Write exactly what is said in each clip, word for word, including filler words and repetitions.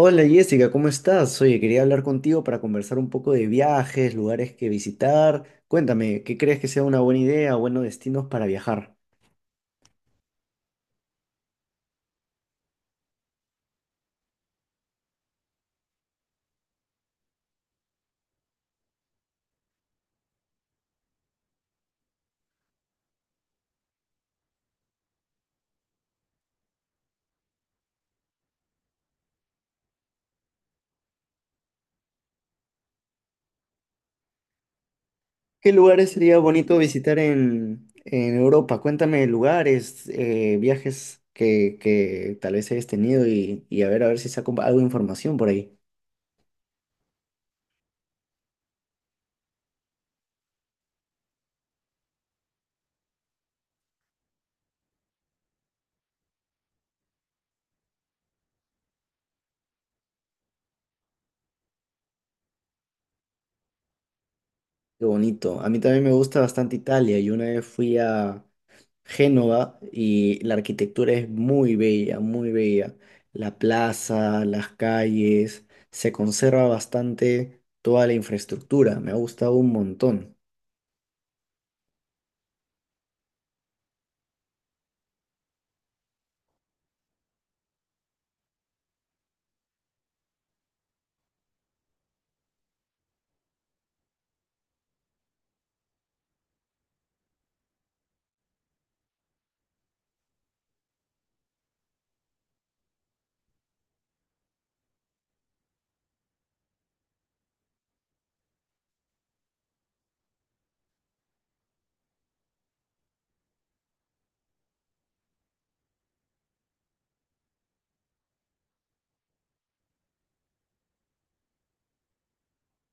Hola Jessica, ¿cómo estás? Oye, quería hablar contigo para conversar un poco de viajes, lugares que visitar. Cuéntame, ¿qué crees que sea una buena idea o buenos destinos para viajar? ¿Qué lugares sería bonito visitar en, en Europa? Cuéntame lugares, eh, viajes que, que tal vez hayas tenido y, y a ver, a ver si saco algo de información por ahí. Qué bonito. A mí también me gusta bastante Italia. Yo una vez fui a Génova, y la arquitectura es muy bella, muy bella. La plaza, las calles, se conserva bastante toda la infraestructura, me ha gustado un montón.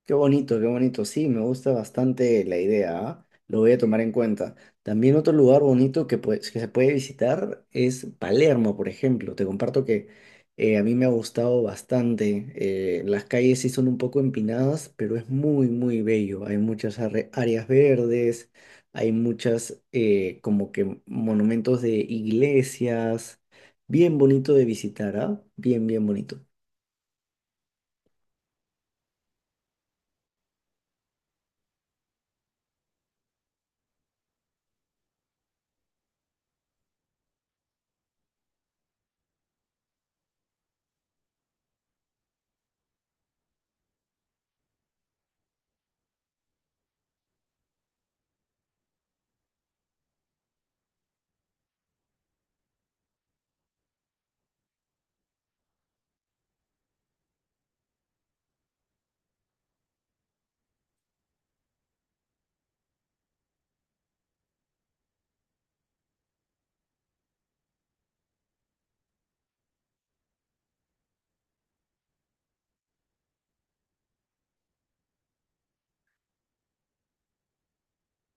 Qué bonito, qué bonito. Sí, me gusta bastante la idea, ¿ah? Lo voy a tomar en cuenta. También otro lugar bonito que, pues, que se puede visitar es Palermo, por ejemplo. Te comparto que eh, a mí me ha gustado bastante. Eh, las calles sí son un poco empinadas, pero es muy, muy bello. Hay muchas arre- áreas verdes, hay muchas eh, como que monumentos de iglesias. Bien bonito de visitar, ¿ah? Bien, bien bonito.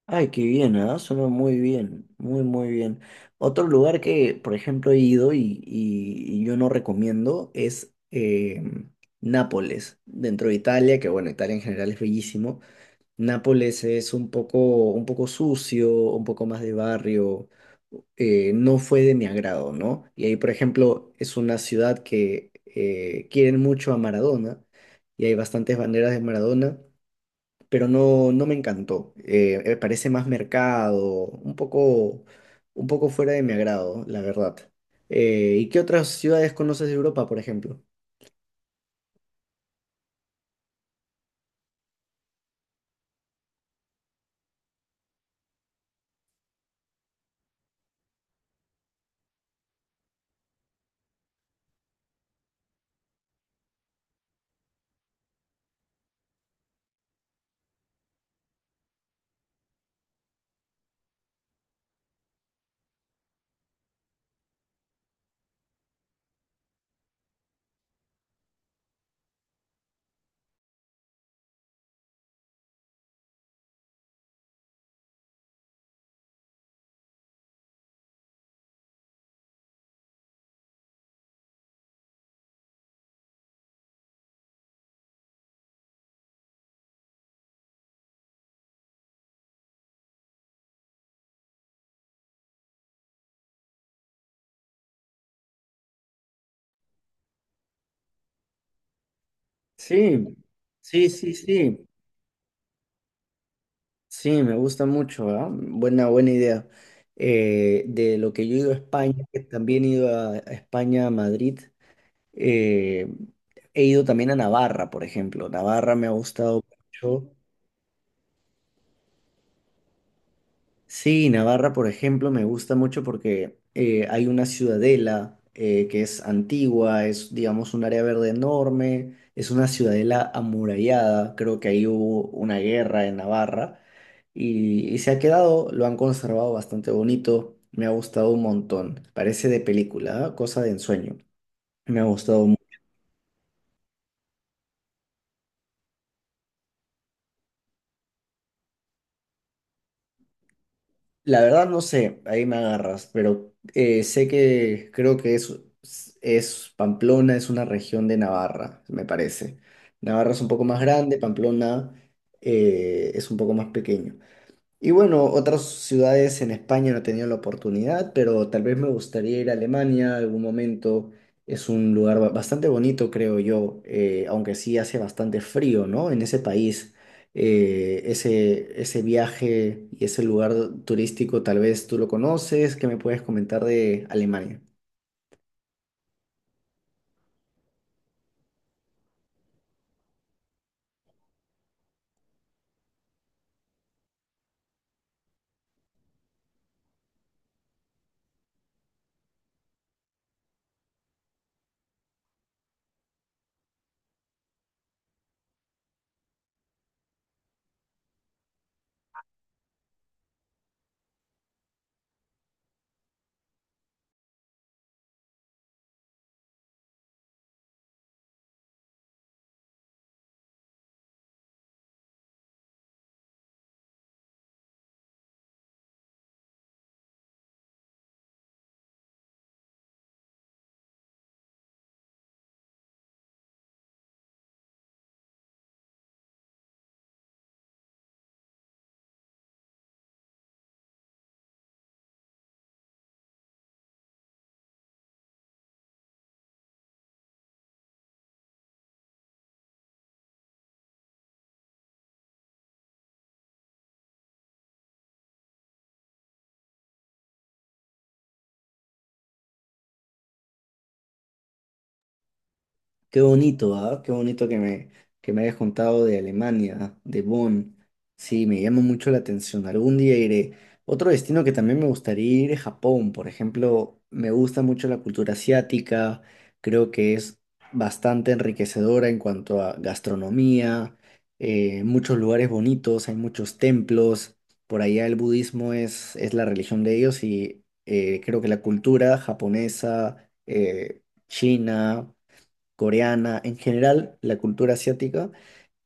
Ay, qué bien, ¿ah? Suena muy bien, muy, muy bien. Otro lugar que, por ejemplo, he ido y, y- y yo no recomiendo es eh, Nápoles, dentro de Italia, que bueno, Italia en general es bellísimo. Nápoles es un poco, un poco sucio, un poco más de barrio, eh, no fue de mi agrado, ¿no? Y ahí, por ejemplo, es una ciudad que eh, quieren mucho a Maradona y hay bastantes banderas de Maradona, pero no, no me encantó. Eh, me parece más mercado, un poco, un poco fuera de mi agrado, la verdad. Eh, ¿y qué otras ciudades conoces de Europa, por ejemplo? Sí, sí, sí, sí. Sí, me gusta mucho, ¿ah? Buena, buena idea. Eh, de lo que yo he ido a España, que también he ido a, a España, a Madrid, eh, he ido también a Navarra, por ejemplo. Navarra me ha gustado mucho. Sí, Navarra, por ejemplo, me gusta mucho porque eh, hay una ciudadela eh, que es antigua, es, digamos, un área verde enorme, es una ciudadela amurallada, creo que ahí hubo una guerra en Navarra y, y se ha quedado, lo han conservado bastante bonito, me ha gustado un montón, parece de película, ¿ah? Cosa de ensueño, me ha gustado. La verdad no sé, ahí me agarras, pero eh, sé que creo que es, es Pamplona, es una región de Navarra, me parece. Navarra es un poco más grande, Pamplona eh, es un poco más pequeño. Y bueno, otras ciudades en España no he tenido la oportunidad, pero tal vez me gustaría ir a Alemania algún momento. Es un lugar ba- bastante bonito, creo yo, eh, aunque sí hace bastante frío, ¿no? En ese país, eh, ese, ese viaje y ese lugar turístico, tal vez tú lo conoces. ¿Qué me puedes comentar de Alemania? Qué bonito, ¿ah? Qué bonito que me, que me hayas contado de Alemania, de Bonn. Sí, me llama mucho la atención. Algún día iré. Otro destino que también me gustaría ir es Japón. Por ejemplo, me gusta mucho la cultura asiática. Creo que es bastante enriquecedora en cuanto a gastronomía, eh, muchos lugares bonitos, hay muchos templos. Por allá el budismo es, es la religión de ellos y eh, creo que la cultura japonesa, eh, china, coreana, en general la cultura asiática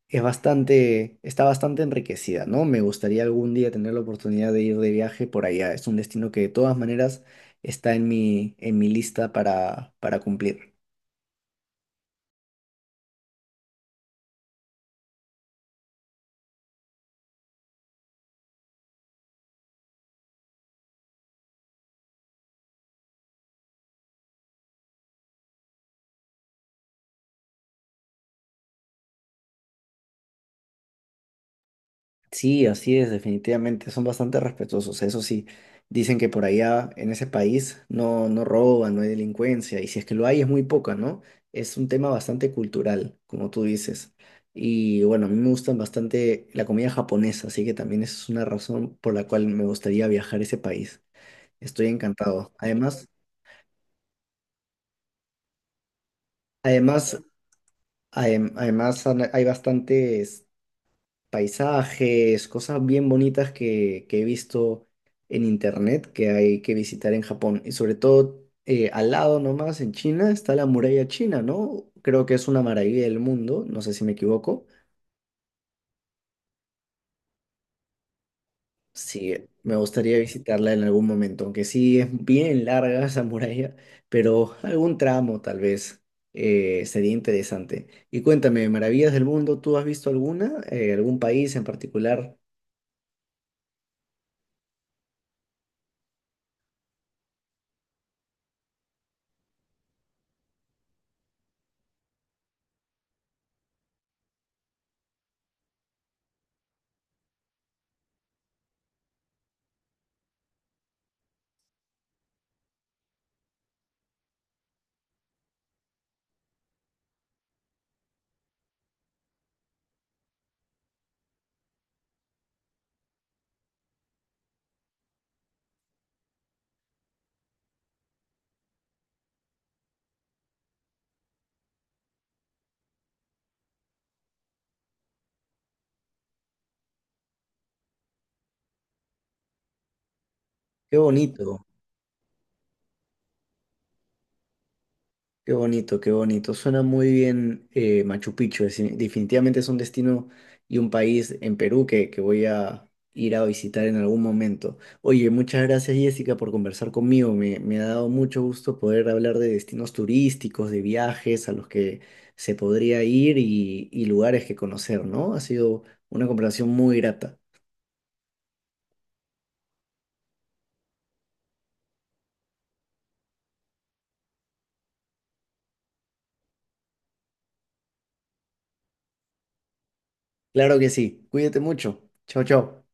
es bastante, está bastante enriquecida, ¿no? Me gustaría algún día tener la oportunidad de ir de viaje por allá. Es un destino que de todas maneras está en mi, en mi lista para, para cumplir. Sí, así es, definitivamente. Son bastante respetuosos. Eso sí, dicen que por allá, en ese país, no, no roban, no hay delincuencia. Y si es que lo hay, es muy poca, ¿no? Es un tema bastante cultural, como tú dices. Y bueno, a mí me gustan bastante la comida japonesa, así que también esa es una razón por la cual me gustaría viajar a ese país. Estoy encantado. Además, además, adem- además han- hay bastantes paisajes, cosas bien bonitas que, que he visto en internet que hay que visitar en Japón. Y sobre todo, eh, al lado nomás, en China, está la muralla china, ¿no? Creo que es una maravilla del mundo, no sé si me equivoco. Sí, me gustaría visitarla en algún momento, aunque sí es bien larga esa muralla, pero algún tramo tal vez eh, sería interesante. Y cuéntame, maravillas del mundo, ¿tú has visto alguna? Eh, ¿algún país en particular? Qué bonito. Qué bonito, qué bonito. Suena muy bien, eh, Machu Picchu. Es- definitivamente es un destino y un país en Perú que, que voy a ir a visitar en algún momento. Oye, muchas gracias Jessica por conversar conmigo. Me, me ha dado mucho gusto poder hablar de destinos turísticos, de viajes a los que se podría ir y, y lugares que conocer, ¿no? Ha sido una conversación muy grata. Claro que sí. Cuídate mucho. Chao, chao.